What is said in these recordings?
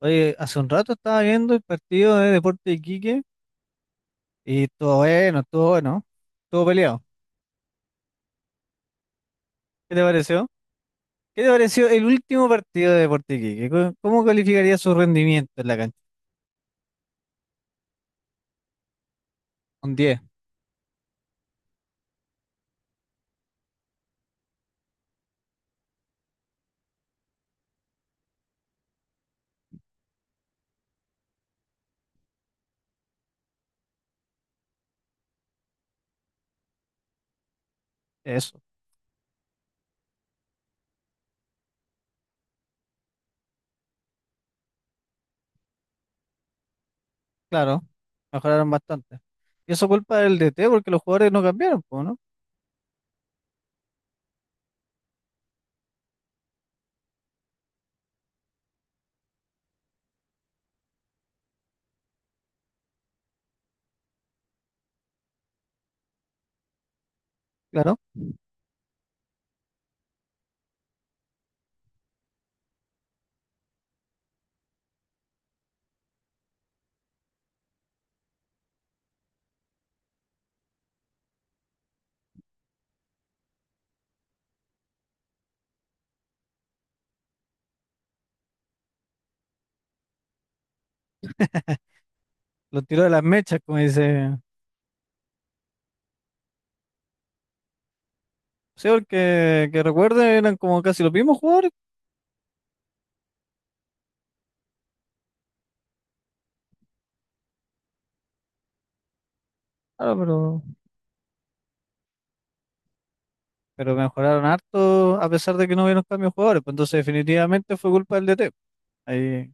Oye, hace un rato estaba viendo el partido de Deporte Iquique y estuvo bueno, estuvo bueno, estuvo peleado. ¿Qué te pareció? ¿Qué te pareció el último partido de Deporte Iquique? ¿Cómo calificaría su rendimiento en la cancha? Un 10, eso, claro, mejoraron bastante. Y eso culpa del DT porque los jugadores no cambiaron, po, ¿no? Claro, los tiró de las mechas, como dice. Sí, porque que recuerden eran como casi los mismos jugadores, claro, pero mejoraron harto a pesar de que no hubieron cambios de jugadores, pues entonces definitivamente fue culpa del DT. Ahí.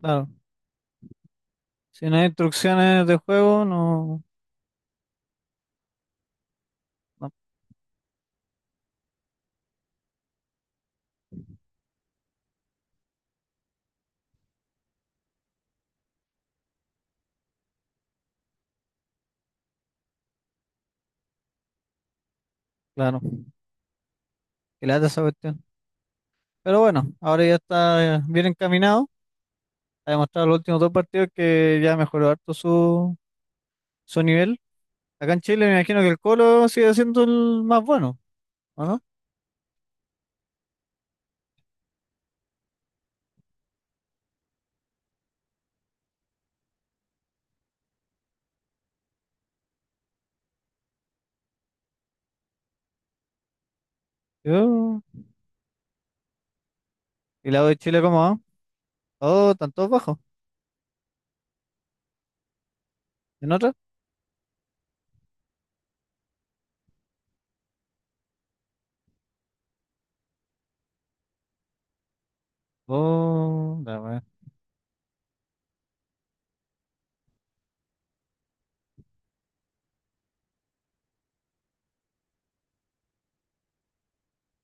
Claro. Si no hay instrucciones de juego, no, no, claro, qué lata esa cuestión. Pero bueno, ahora ya está bien encaminado. Ha demostrado los últimos dos partidos que ya mejoró harto su, su nivel. Acá en Chile me imagino que el Colo sigue siendo el más bueno, ¿o no? Yo- ¿Y la U de Chile cómo va? Oh, están todos bajos. ¿En otra? Oh, la wea.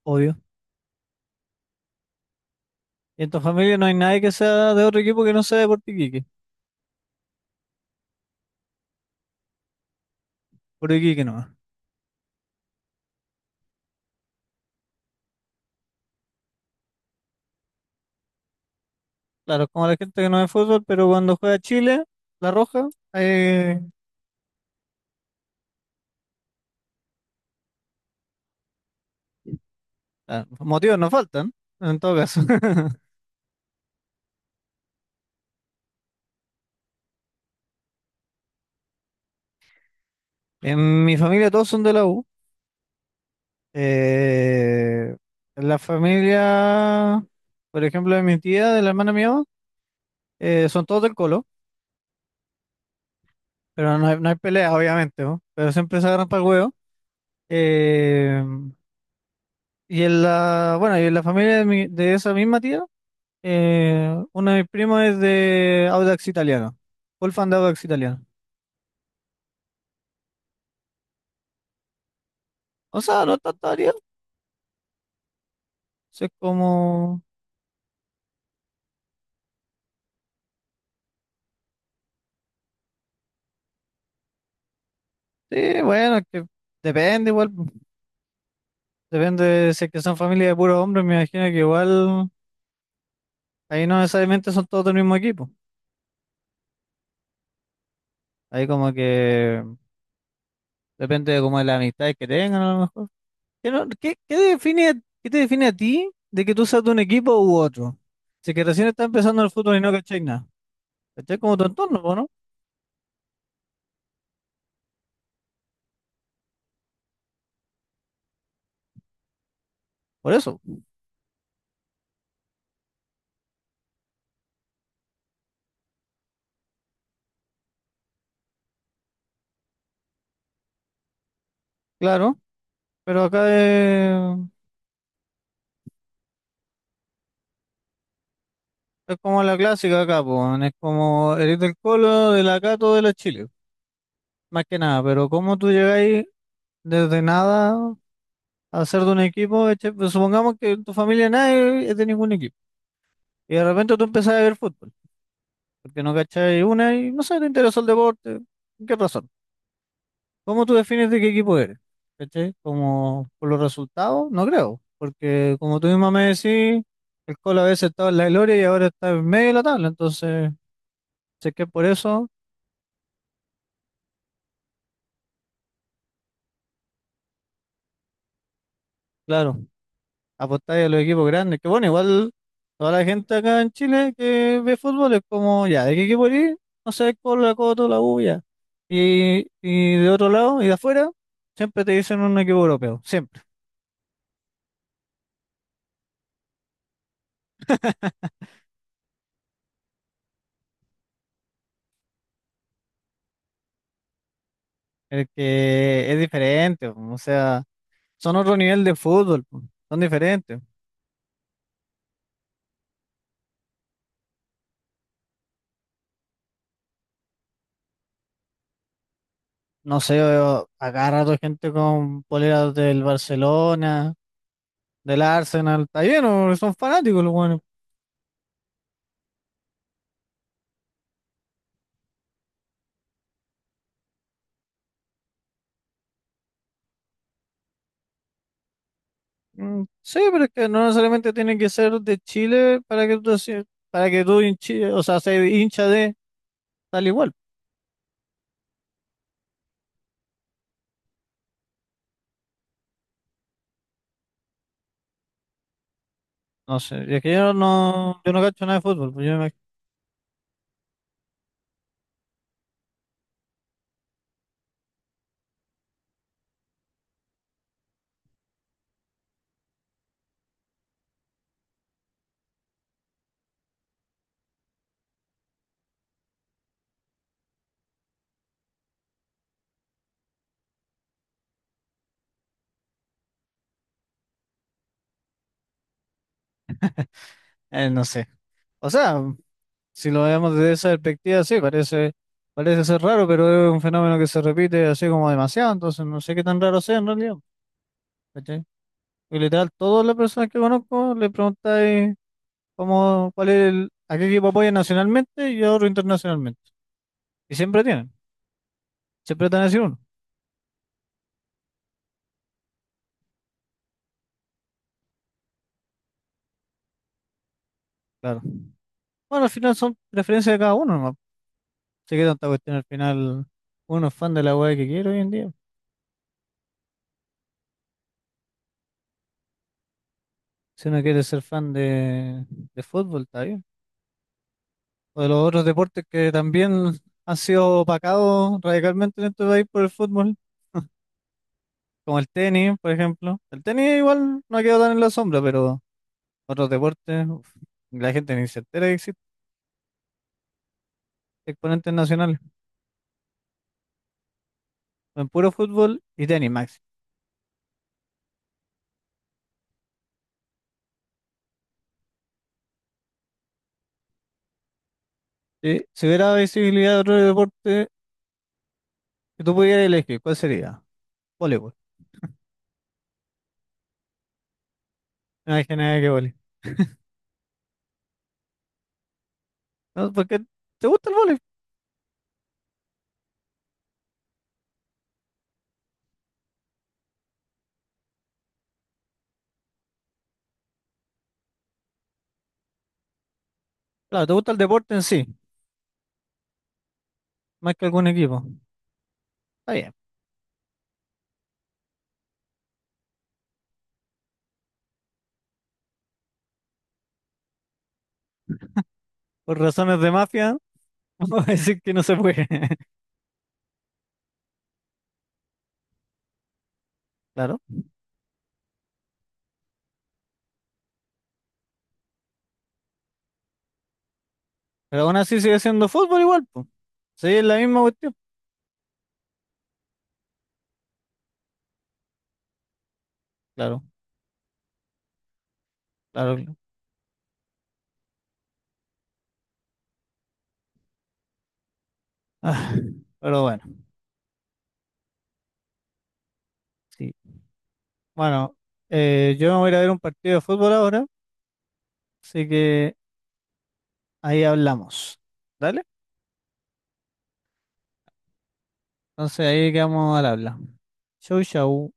Obvio. Y en tu familia no hay nadie que sea de otro equipo que no sea de Puerto Iquique. Puerto Iquique no. Claro, como la gente que no ve fútbol, pero cuando juega Chile, la roja, hay. Ah, motivos no faltan, en todo caso. En mi familia todos son de la U. Eh, la familia, por ejemplo, de mi tía, de la hermana mía, son todos del Colo, pero no hay, no hay peleas, obviamente, ¿no? Pero siempre se agarran para el huevo. Eh, y en la, bueno, y en la familia de, mi- de esa misma tía, uno de mis primos es de Audax Italiano, full fan de Audax Italiano. O sea, no es tanta variedad, es como, sí, bueno, es que depende igual. Depende de si es que son familias de puros hombres, me imagino que igual ahí no necesariamente son todos del mismo equipo. Ahí como que depende de como de las amistades que tengan a lo mejor. ¿Qué, no- qué- qué define, a- qué te define a ti de que tú seas de un equipo u otro? Si es que recién está empezando el fútbol y no cachai nada. Cachai como tu entorno, po, ¿no? Por eso, claro. Pero acá es como la clásica acá, po, weón. Es como eres del Colo, de la Cato, de la Chile. Más que nada, pero como tú llegáis desde nada, hacer de un equipo, ¿cachai? Pues supongamos que en tu familia nadie es de ningún equipo. Y de repente tú empezás a ver fútbol, porque no cachai una y no sé, te interesó el deporte. ¿Por qué razón? ¿Cómo tú defines de qué equipo eres? ¿Cachai? Como por los resultados, no creo. Porque como tú misma me decís, el Colo a veces estaba en la gloria y ahora está en medio de la tabla. Entonces, sé que por eso, claro, apostáis a los equipos grandes. Que bueno, igual toda la gente acá en Chile que ve fútbol es como, ya, ¿de qué equipo eres? No sé, Colo, la Coto, la U, ya. Y de otro lado y de afuera, siempre te dicen un equipo europeo, siempre. El que es diferente, po, o sea, son otro nivel de fútbol, po, son diferentes. No sé, yo acá gente con poleras del Barcelona, del Arsenal, está bien, o son fanáticos los buenos. Mm, sí, pero es que no necesariamente tiene que ser de Chile para que tú, se- para que tú hinchi- o sea, seas hincha de tal igual. No sé, es que yo no, yo no cacho nada de fútbol, pues yo me- no sé. O sea. Si lo vemos desde esa perspectiva, sí, parece, parece ser raro, pero es un fenómeno que se repite así como demasiado, entonces no sé qué tan raro sea en realidad, ¿cachai? Y literal, todas las personas que conozco le preguntáis cómo, cuál es el, a qué equipo apoya nacionalmente y a otro internacionalmente. Y siempre tienen, siempre te van a decir uno, claro. Bueno, al final son preferencias de cada uno, nomás. Sé que tanta cuestión al final, uno es fan de la weá que quiere hoy en día. Si uno quiere ser fan de fútbol, está bien, o de los otros deportes que también han sido opacados radicalmente en este país por el fútbol, como el tenis, por ejemplo. El tenis igual no ha quedado tan en la sombra, pero otros deportes, uf, la gente ni se entera que existen exponentes nacionales. En puro fútbol y tenis, Max. Si, si hubiera visibilidad de otro deporte que tú pudieras elegir, ¿cuál sería? Voleibol. No hay nada que vole. No, porque te gusta el voleibol. Claro, te gusta el deporte en sí, más que algún equipo. Está bien. Por razones de mafia, vamos a decir que no se puede. Claro. Pero aún así sigue siendo fútbol igual, pues. Sí, es la misma cuestión. Claro, claro, claro. Ah, pero bueno, sí. Bueno, yo me voy a ir a ver un partido de fútbol ahora, así que ahí hablamos. ¿Dale? Entonces ahí quedamos al habla. Chau, chau.